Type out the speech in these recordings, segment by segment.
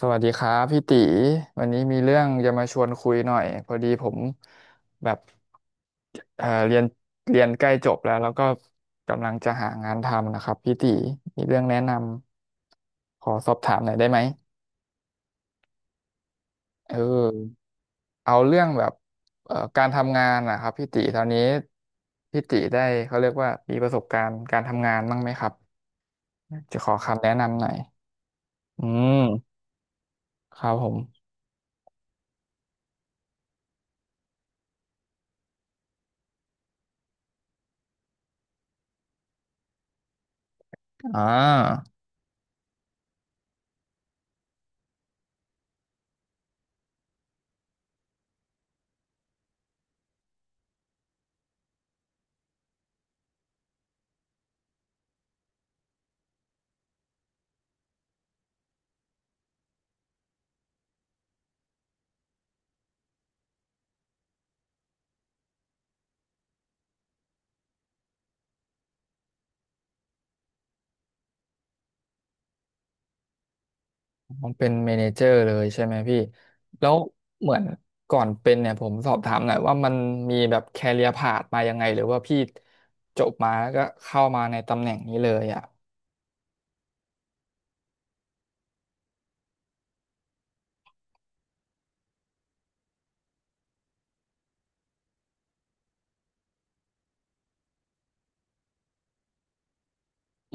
สวัสดีครับพี่ตีวันนี้มีเรื่องจะมาชวนคุยหน่อยพอดีผมแบบเอ่อเรียนเรียนใกล้จบแล้วแล้วก็กำลังจะหางานทำนะครับพี่ตีมีเรื่องแนะนำขอสอบถามหน่อยได้ไหมเออเอาเรื่องแบบการทำงานนะครับพี่ตีตอนนี้พี่ตีได้เขาเรียกว่ามีประสบการณ์การทำงานบ้างไหมครับจะขอคำแนะนำหน่อยอืมครับผมอ่า มันเป็นเมเนเจอร์เลยใช่ไหมพี่แล้วเหมือนก่อนเป็นเนี่ยผมสอบถามหน่อยว่ามันมีแบบแคเรียพาธมายังไงหรือว่าพี่จบมาแล้วก็เข้ามาในตำแหน่งนี้เลยอ่ะ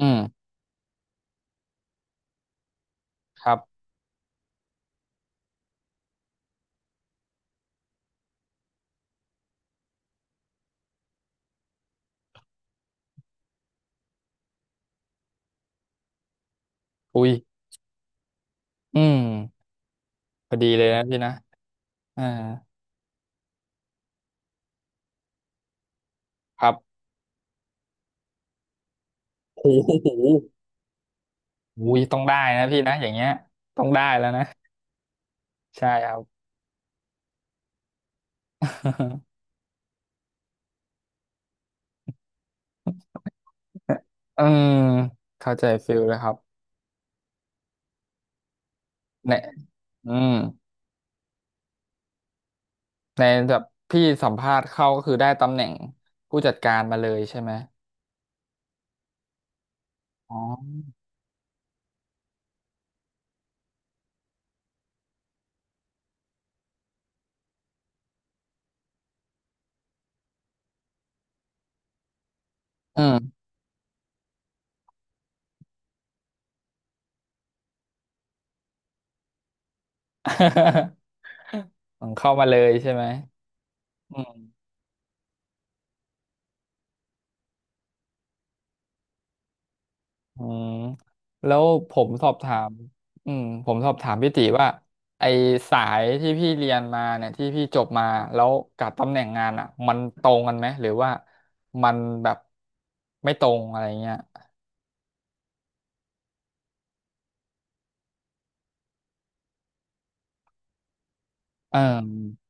อืมครับอุ้ยอืมพอดีเลยนะพี่นะอ่าครับโอ้โหอุ้ยต้องได้นะพี่นะอย่างเงี้ยต้องได้แล้วนะใช่ครับ อืมเข้าใจฟิลแล้วครับเนี่ยอืม ในแบบพี่สัมภาษณ์เข้าก็คือได้ตำแหน่งผู้จัดการมาเลยใช่ไหมอ๋ออืม อมเข้ามาเลยใช่ไหมอืมอืมแล้วผมสอบถามอืมผมสอบถามพี่ติว่าไอสายที่พี่เรียนมาเนี่ยที่พี่จบมาแล้วกับตำแหน่งงานอ่ะมันตรงกันไหมหรือว่ามันแบบไม่ตรงอะไรเงี้ยเออ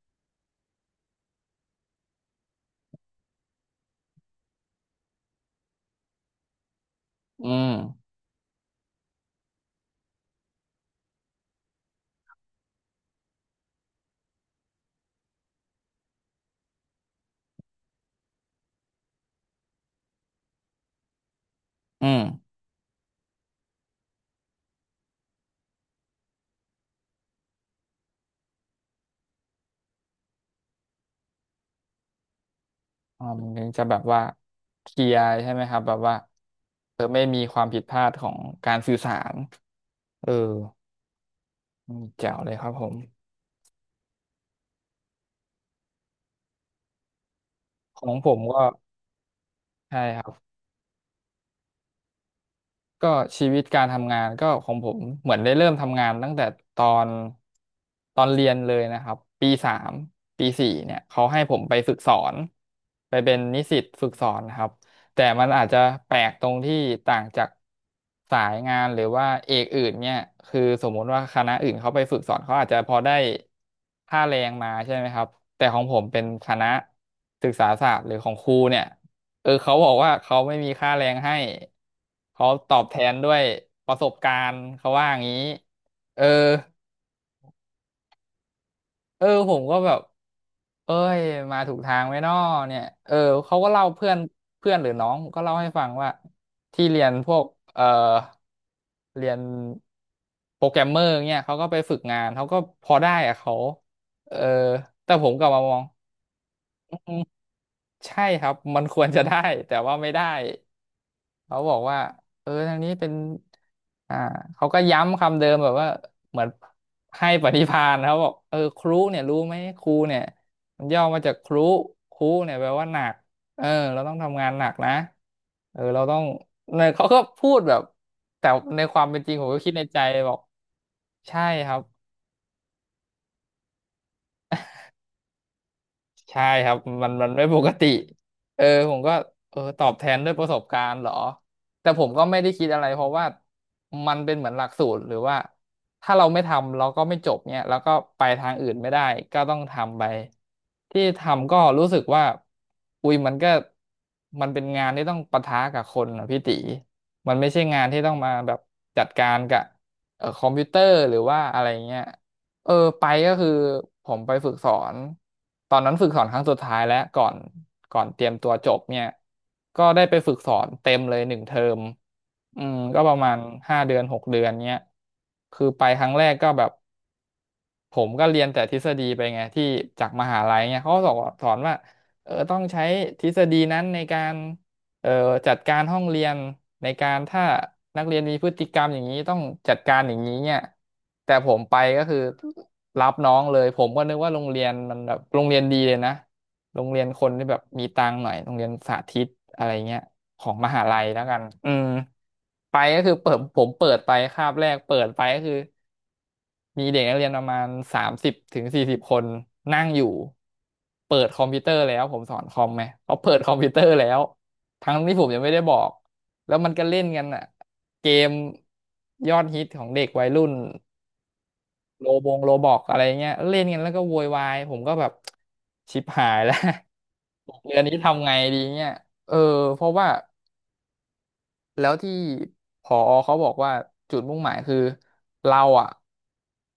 อืมอืม อ่ามันถึงจะแบบว่าเคลียร์ใช่ไหมครับแบบว่าเออไม่มีความผิดพลาดของการสื่อสารเอออืมแจ๋วเลยครับผมของผมก็ใช่ครับ ก็ชีวิตการทำงานก็ของผมเหมือนได้เริ่มทำงานตั้งแต่ตอนตอนเรียนเลยนะครับปีสามปีสี่เนี่ยเขาให้ผมไปฝึกสอนไปเป็นนิสิตฝึกสอนนะครับแต่มันอาจจะแปลกตรงที่ต่างจากสายงานหรือว่าเอกอื่นเนี่ยคือสมมุติว่าคณะอื่นเขาไปฝึกสอนเขาอาจจะพอได้ค่าแรงมาใช่ไหมครับแต่ของผมเป็นคณะศึกษาศาสตร์หรือของครูเนี่ย เออเขาบอกว่าเขาไม่มีค่าแรงให้เขาตอบแทนด้วยประสบการณ์เขาว่าอย่างนี้เออเออผมก็แบบเอ้ยมาถูกทางไหมน้อเนี่ยเออเขาก็เล่าเพื่อนเพื่อนหรือน้องก็เล่าให้ฟังว่าที่เรียนพวกเออเรียนโปรแกรมเมอร์เนี่ยเขาก็ไปฝึกงานเขาก็พอได้อะเขาเออแต่ผมกลับมามองอืมใช่ครับมันควรจะได้แต่ว่าไม่ได้ เขาบอกว่าเออทางนี้เป็นอ่าเขาก็ย้ำคำเดิมแบบว่าเหมือนให้ปฏิภาณเขาบอกเออครุเนี่ยรู้ไหมครูเนี่ยมันย่อมาจากครุครุเนี่ยแปลว่าหนักเออเราต้องทำงานหนักนะเออเราต้องเนี่ยเขาก็พูดแบบแต่ในความเป็นจริงผมก็คิดในใจบอกใช่ครับ ใช่ครับมันไม่ปกติเออผมก็เออตอบแทนด้วยประสบการณ์เหรอแต่ผมก็ไม่ได้คิดอะไรเพราะว่ามันเป็นเหมือนหลักสูตรหรือว่าถ้าเราไม่ทำเราก็ไม่จบเนี่ยแล้วก็ไปทางอื่นไม่ได้ก็ต้องทำไปที่ทำก็รู้สึกว่าอุ้ยมันก็มันเป็นงานที่ต้องปะทะกับคนนะพี่ติมันไม่ใช่งานที่ต้องมาแบบจัดการกับคอมพิวเตอร์หรือว่าอะไรเงี้ย เออไปก็คือผมไปฝึกสอนตอนนั้นฝึกสอนครั้งสุดท้ายแล้วก่อนเตรียมตัวจบเนี่ยก็ได้ไปฝึกสอนเต็มเลยหนึ่งเทอมอืมก็ประมาณ5 เดือน 6 เดือนเนี้ยคือไปครั้งแรกก็แบบ ผมก็เรียนแต่ทฤษฎีไปไงที่จากมหาลัยเนี่ยเขาก็สอนว่าเออต้องใช้ทฤษฎีนั้นในการเอ่อจัดการห้องเรียนในการถ้านักเรียนมีพฤติกรรมอย่างนี้ต้องจัดการอย่างนี้เนี่ยแต่ผมไปก็คือรับน้องเลยผมก็นึกว่าโรงเรียนมันแบบโรงเรียนดีเลยนะโรงเรียนคนที่แบบมีตังค์หน่อยโรงเรียนสาธิตอะไรเงี้ยของมหาลัยแล้วกันอืมไปก็คือเปิดผมเปิดไปคาบแรกเปิดไปก็คือ มีเด็กนักเรียนประมาณ30 ถึง 40 คนนั่งอยู่เปิดคอมพิวเตอร์แล้วผมสอนคอมไหมเขาเปิดคอมพิวเตอร์แล้วทั้งที่ผมยังไม่ได้บอกแล้วมันก็เล่นกันอ่ะเกมยอดฮิตของเด็กวัยรุ่นโลบงโลบอกอะไรเงี้ยเล่นกันแล้วก็โวยวายผมก็แบบชิบหายแล้ว 6 เดือนนี้ทำไงดีเนี่ยเออเพราะว่า แล้วที่ผอเขาบอกว่าจุดมุ่งหมายคือเราอ่ะ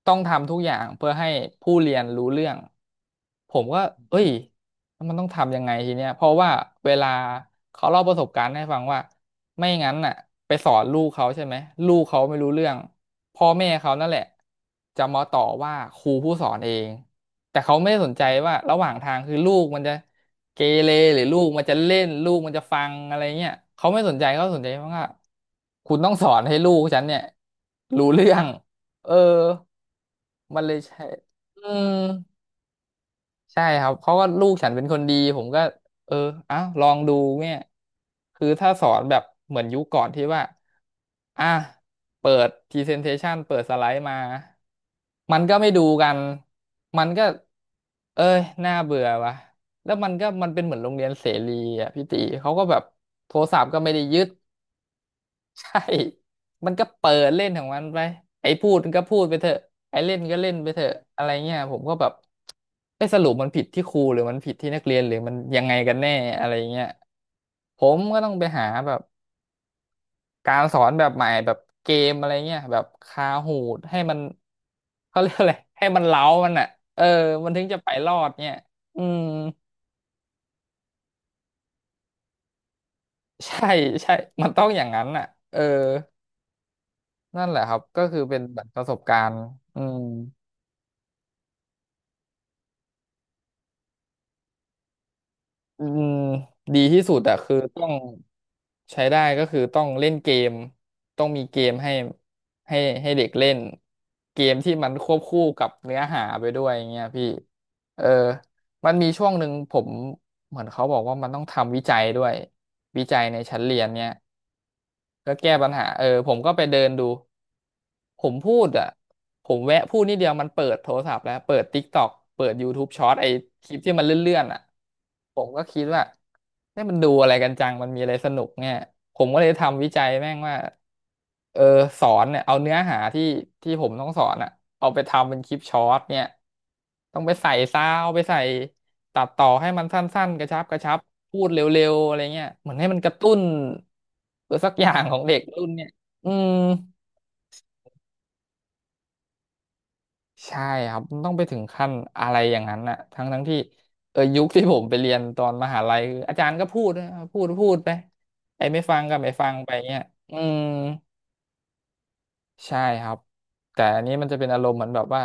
ต้องทำทุกอย่างเพื่อให้ผู้เรียนรู้เรื่องผมก็เอ้ยมันต้องทำยังไงทีเนี้ยเพราะว่าเวลาเขาเล่าประสบการณ์ให้ฟังว่า ไม่งั้นน่ะไปสอนลูกเขาใช่ไหมลูกเขาไม่รู้เรื่องพ่อแม่เขานั่นแหละจะมาต่อว่าครูผู้สอนเองแต่เขาไม่ได้สนใจว่าระหว่างทางคือลูกมันจะเกเรหรือลูกมันจะเล่นลูกมันจะฟังอะไรเงี้ยเขาไม่สนใจเขาสนใจว่าคุณต้องสอนให้ลูกฉันเนี่ยรู้เรื่องเออมันเลยใช่อืม ใช่ครับเขาก็ลูกฉันเป็นคนดีผมก็เอออ่ะลองดูเนี่ยคือถ้าสอนแบบเหมือนยุคก่อนที่ว่าอ่ะเปิด presentation เปิดสไลด์มามันก็ไม่ดูกันมันก็เอ้ยน่าเบื่อว่ะแล้วมันก็มันเป็นเหมือนโรงเรียนเสรีอ่ะพี่ติเขาก็แบบโทรศัพท์ก็ไม่ได้ยึด ใช่ มันก็เปิดเล่นของมันไป ไอ้พูดมันก็พูดไปเถอะไอ้เล่นก็เล่นไปเถอะอะไรเงี้ยผมก็แบบไอ้ยสรุปมันผิดที่ครูหรือมันผิดที่นักเรียนหรือมันยังไงกันแน่อะไรเงี้ยผมก็ต้องไปหาแบบการสอนแบบใหม่แบบเกมอะไรเงี้ยแบบคาหูดให้มันเขาเรียกอะไรให้มันเล้ามันอ่ะเออมันถึงจะไปรอดเนี่ยอืมใช่ใช่มันต้องอย่างนั้นอ่ะเออนั่นแหละครับก็คือเป็นแบบประสบการณ์อืม อืมดีที่สุดอะคือต้องใช้ได้ก็คือต้องเล่นเกมต้องมีเกมให้ให้เด็กเล่นเกมที่มันควบคู่กับเนื้อหาไปด้วยอย่างเงี้ยพี่เออมันมีช่วงหนึ่งผมเหมือนเขาบอกว่ามันต้องทำวิจัยด้วยวิจัยในชั้นเรียนเนี้ยก็แก้ปัญหาเออผมก็ไปเดินดู ผมพูดอ่ะผมแวะพูดนิดเดียวมันเปิดโทรศัพท์แล้วเปิด TikTok เปิด YouTube Short ไอคลิปที่มันเลื่อนๆอ่ะผมก็คิดว่าเนี่ยมันดูอะไรกันจังมันมีอะไรสนุกเนี่ยผมก็เลยทำวิจัยแม่งว่าเออสอนเนี่ยเอาเนื้อหาที่ผมต้องสอนอ่ะเอาไปทำเป็นคลิปช็อตเนี่ยต้องไปใส่ซาวด์ไปใส่ตัดต่อให้มันสั้นๆกระชับกระชับพูดเร็วๆอะไรเงี้ยเหมือนให้มันกระตุ้นตัวสักอย่างของเด็กรุ่นเนี่ยอืม ใช่ครับมันต้องไปถึงขั้นอะไรอย่างนั้นน่ะทั้งที่เออยุคที่ผมไปเรียนตอนมหาลัยคืออาจารย์ก็พูดนะพูดไปไอ้ไม่ฟังก็ไม่ฟังไปเงี้ยอืมใช่ครับแต่อันนี้มันจะเป็นอารมณ์เหมือนแบบว่า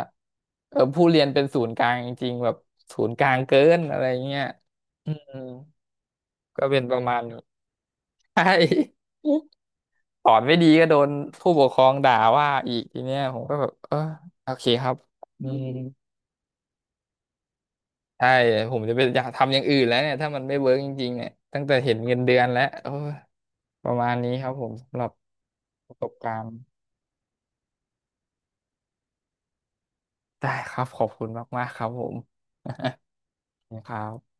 เออผู้เรียนเป็นศูนย์กลางจริงๆแบบศูนย์กลางเกินอะไรเงี้ยอืมก็เป็นประมาณนี้ ใช่ สอนไม่ดีก็โดนผู้ปกครองด่าว่าอีกทีเนี้ยผมก็แบบเออโอเคครับอืม ใช่ผมจะไปอยากทำอย่างอื่นแล้วเนี่ยถ้ามันไม่เวิร์กจริงๆเนี่ยตั้งแต่เห็นเงินเดือนแล้วโอ้ยประมาณนี้ครับผมสำหรับประสบการณ์ได้ครับขอบคุณมากๆครับผม ครับ